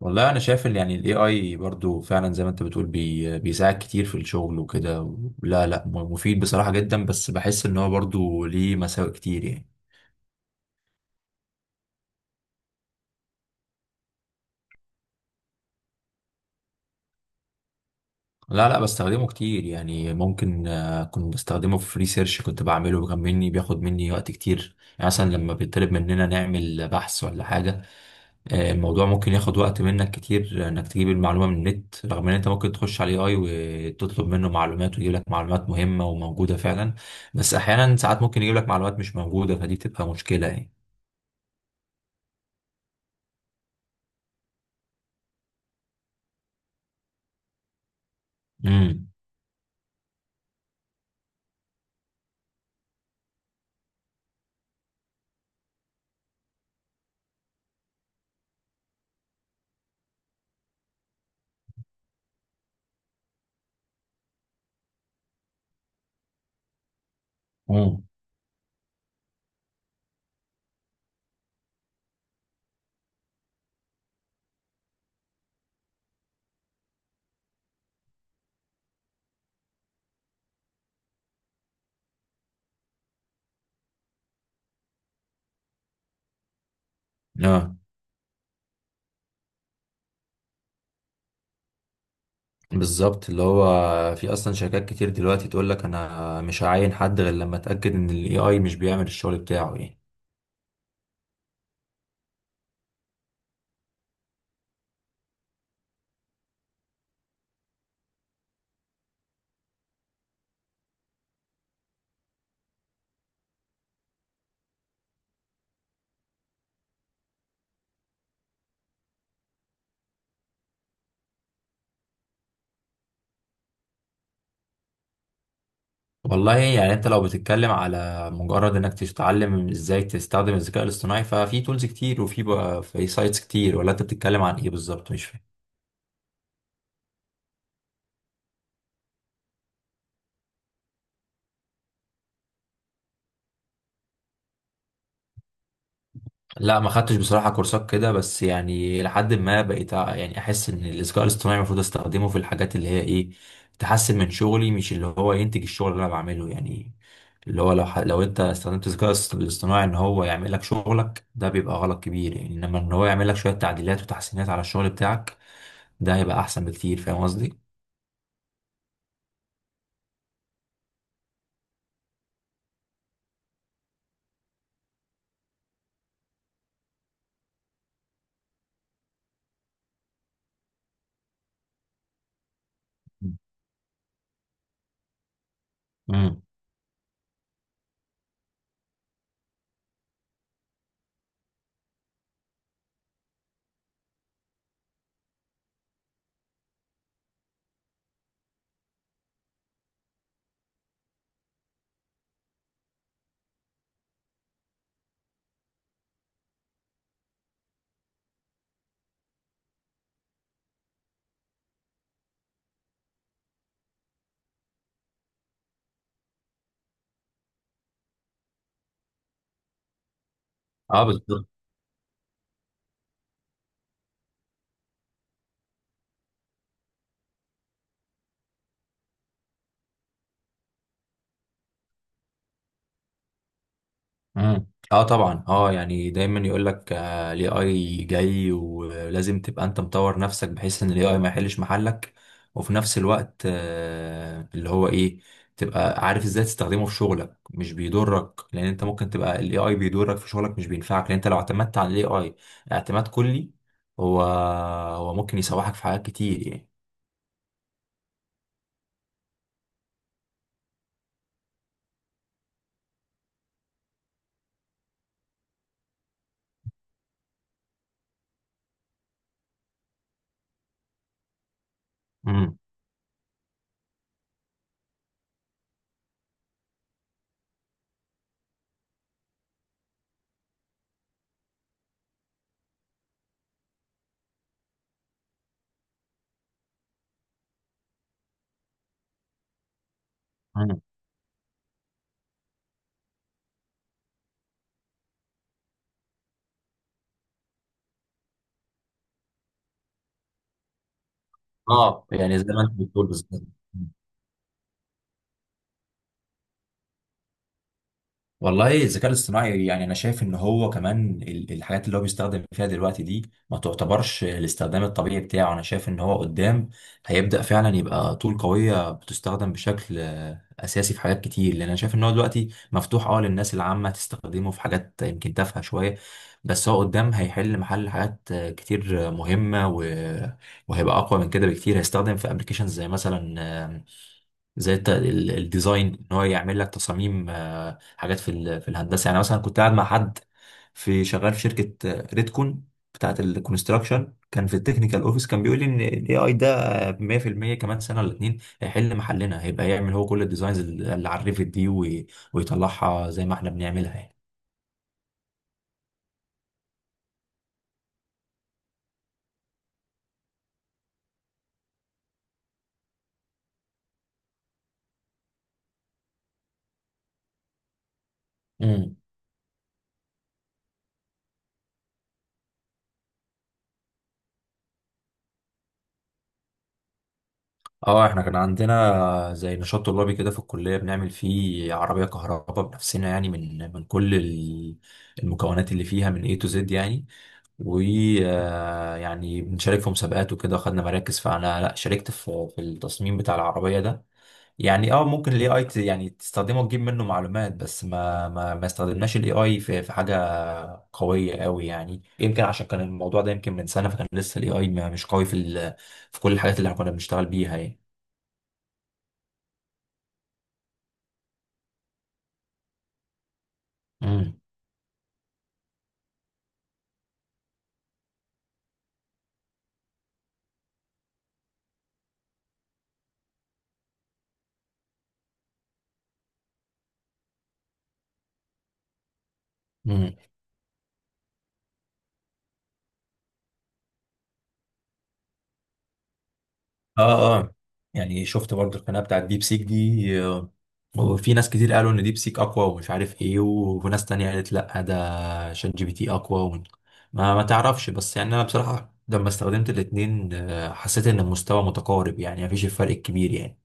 والله انا شايف ان يعني الاي اي برضو فعلا زي ما انت بتقول بيساعد كتير في الشغل وكده. لا لا، مفيد بصراحة جدا، بس بحس ان هو برضو ليه مساوئ كتير يعني. لا لا بستخدمه كتير يعني، ممكن كنت بستخدمه في ريسيرش كنت بعمله، كان مني بياخد مني وقت كتير يعني مثلا لما بيطلب مننا نعمل بحث ولا حاجة. الموضوع ممكن ياخد وقت منك كتير انك تجيب المعلومة من النت، رغم ان انت ممكن تخش على اي وتطلب منه معلومات ويجيب لك معلومات مهمة وموجودة فعلا. بس احيانا ساعات ممكن يجيب لك معلومات مش موجودة، فدي بتبقى مشكلة يعني. امم. امم. آه. بالظبط، اللي هو في اصلا شركات كتير دلوقتي تقول لك انا مش هعين حد غير لما اتاكد ان الاي اي مش بيعمل الشغل بتاعه يعني. والله يعني انت لو بتتكلم على مجرد انك تتعلم ازاي تستخدم الذكاء الاصطناعي، ففي تولز كتير وفي بقى في سايتس كتير، ولا انت بتتكلم عن ايه بالظبط؟ مش فاهم. لا، ما خدتش بصراحة كورسات كده، بس يعني لحد ما بقيت يعني احس ان الذكاء الاصطناعي المفروض استخدمه في الحاجات اللي هي ايه، تحسن من شغلي مش اللي هو ينتج الشغل اللي انا بعمله يعني. اللي هو لو لو انت استخدمت الذكاء الاصطناعي ان هو يعمل لك شغلك، ده بيبقى غلط كبير يعني، انما ان هو يعمل لك شوية تعديلات وتحسينات على الشغل بتاعك، ده هيبقى احسن بكتير. فاهم قصدي؟ امم. اه بالظبط. امم. اه طبعا، يعني دايما يقول لك الاي اي جاي ولازم تبقى انت مطور نفسك بحيث ان الاي اي ما يحلش محلك، وفي نفس الوقت اللي هو ايه، تبقى عارف ازاي تستخدمه في شغلك، مش بيضرك، لان انت ممكن تبقى الاي اي بيضرك في شغلك مش بينفعك، لان انت لو اعتمدت على الاي اي اعتماد كلي، هو، هو ممكن يسوحك في حاجات كتير يعني. امم. امم. اه، يعني زي ما انت بتقول بالظبط. والله الذكاء الاصطناعي يعني انا شايف ان هو كمان الحاجات اللي هو بيستخدم فيها دلوقتي دي ما تعتبرش الاستخدام الطبيعي بتاعه. انا شايف ان هو قدام هيبدأ فعلا يبقى طول قوية بتستخدم بشكل اساسي في حاجات كتير، لان انا شايف ان هو دلوقتي مفتوح للناس العامة تستخدمه في حاجات يمكن تافهة شوية. بس هو قدام هيحل محل حاجات كتير مهمة وهيبقى اقوى من كده بكتير، هيستخدم في ابلكيشنز زي مثلا زي الديزاين، ان هو يعمل لك تصاميم حاجات في في الهندسه، يعني مثلا كنت قاعد مع حد في شغال في شركه ريدكون بتاعت الكونستراكشن، كان في التكنيكال اوفيس، كان بيقول لي ان الاي اي ده 100% كمان سنه ولا اتنين هيحل محلنا، هيبقى يعمل هو كل الديزاينز اللي على الريفت دي ويطلعها زي ما احنا بنعملها يعني. امم. اه، احنا كان عندنا زي نشاط طلابي كده في الكليه، بنعمل فيه عربيه كهرباء بنفسنا، يعني من كل المكونات اللي فيها من A to Z يعني. ويعني بنشارك في مسابقات وكده، خدنا مراكز. فانا لا، شاركت في التصميم بتاع العربيه ده. يعني ممكن الاي اي يعني تستخدمه تجيب منه معلومات، بس ما استخدمناش الاي اي في حاجه قويه قوي يعني، يمكن عشان كان الموضوع ده يمكن من سنه، فكان لسه الاي اي مش قوي في في كل الحاجات اللي احنا كنا بنشتغل بيها يعني. امم. امم. اه. اه، يعني شفت برضه القناه بتاعت ديب سيك دي وفي ناس كتير قالوا ان ديب سيك اقوى ومش عارف ايه وناس تانية قالت لا، ده شات جي بي تي اقوى ما تعرفش، بس يعني انا بصراحه لما استخدمت الاتنين حسيت ان المستوى متقارب يعني، مفيش الفرق الكبير يعني.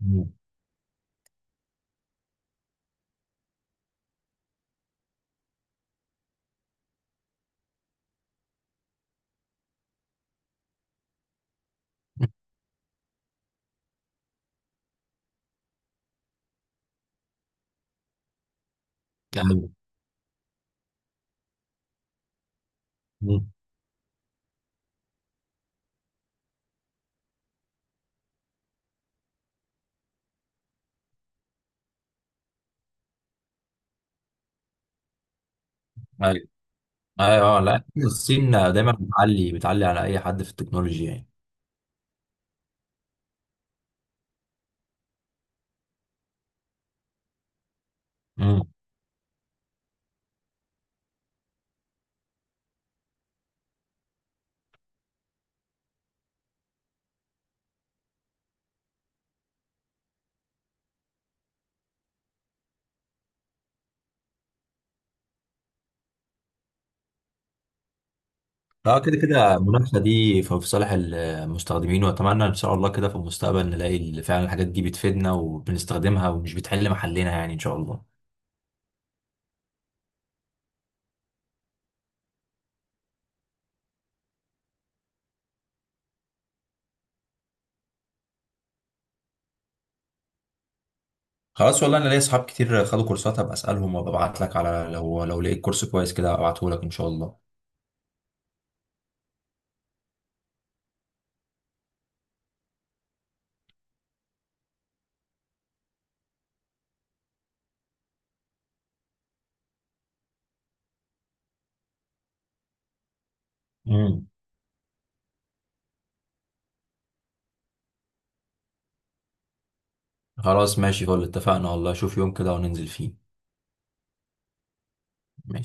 مم. ايوه. مم. ايوه. ايوه، لا الصين دايما بتعلي بتعلي على اي حد في التكنولوجيا يعني. امم. اه، كده كده المنافسه دي في صالح المستخدمين، واتمنى ان شاء الله كده في المستقبل نلاقي فعلا الحاجات دي بتفيدنا وبنستخدمها ومش بتحل محلنا يعني، ان شاء الله. خلاص، والله انا ليا اصحاب كتير خدوا كورسات، هبقى اسالهم وابعت لك على، لو لقيت كورس كويس كده ابعته لك ان شاء الله. امم. خلاص ماشي، فل اتفقنا والله، شوف يوم كده وننزل فيه. ماشي.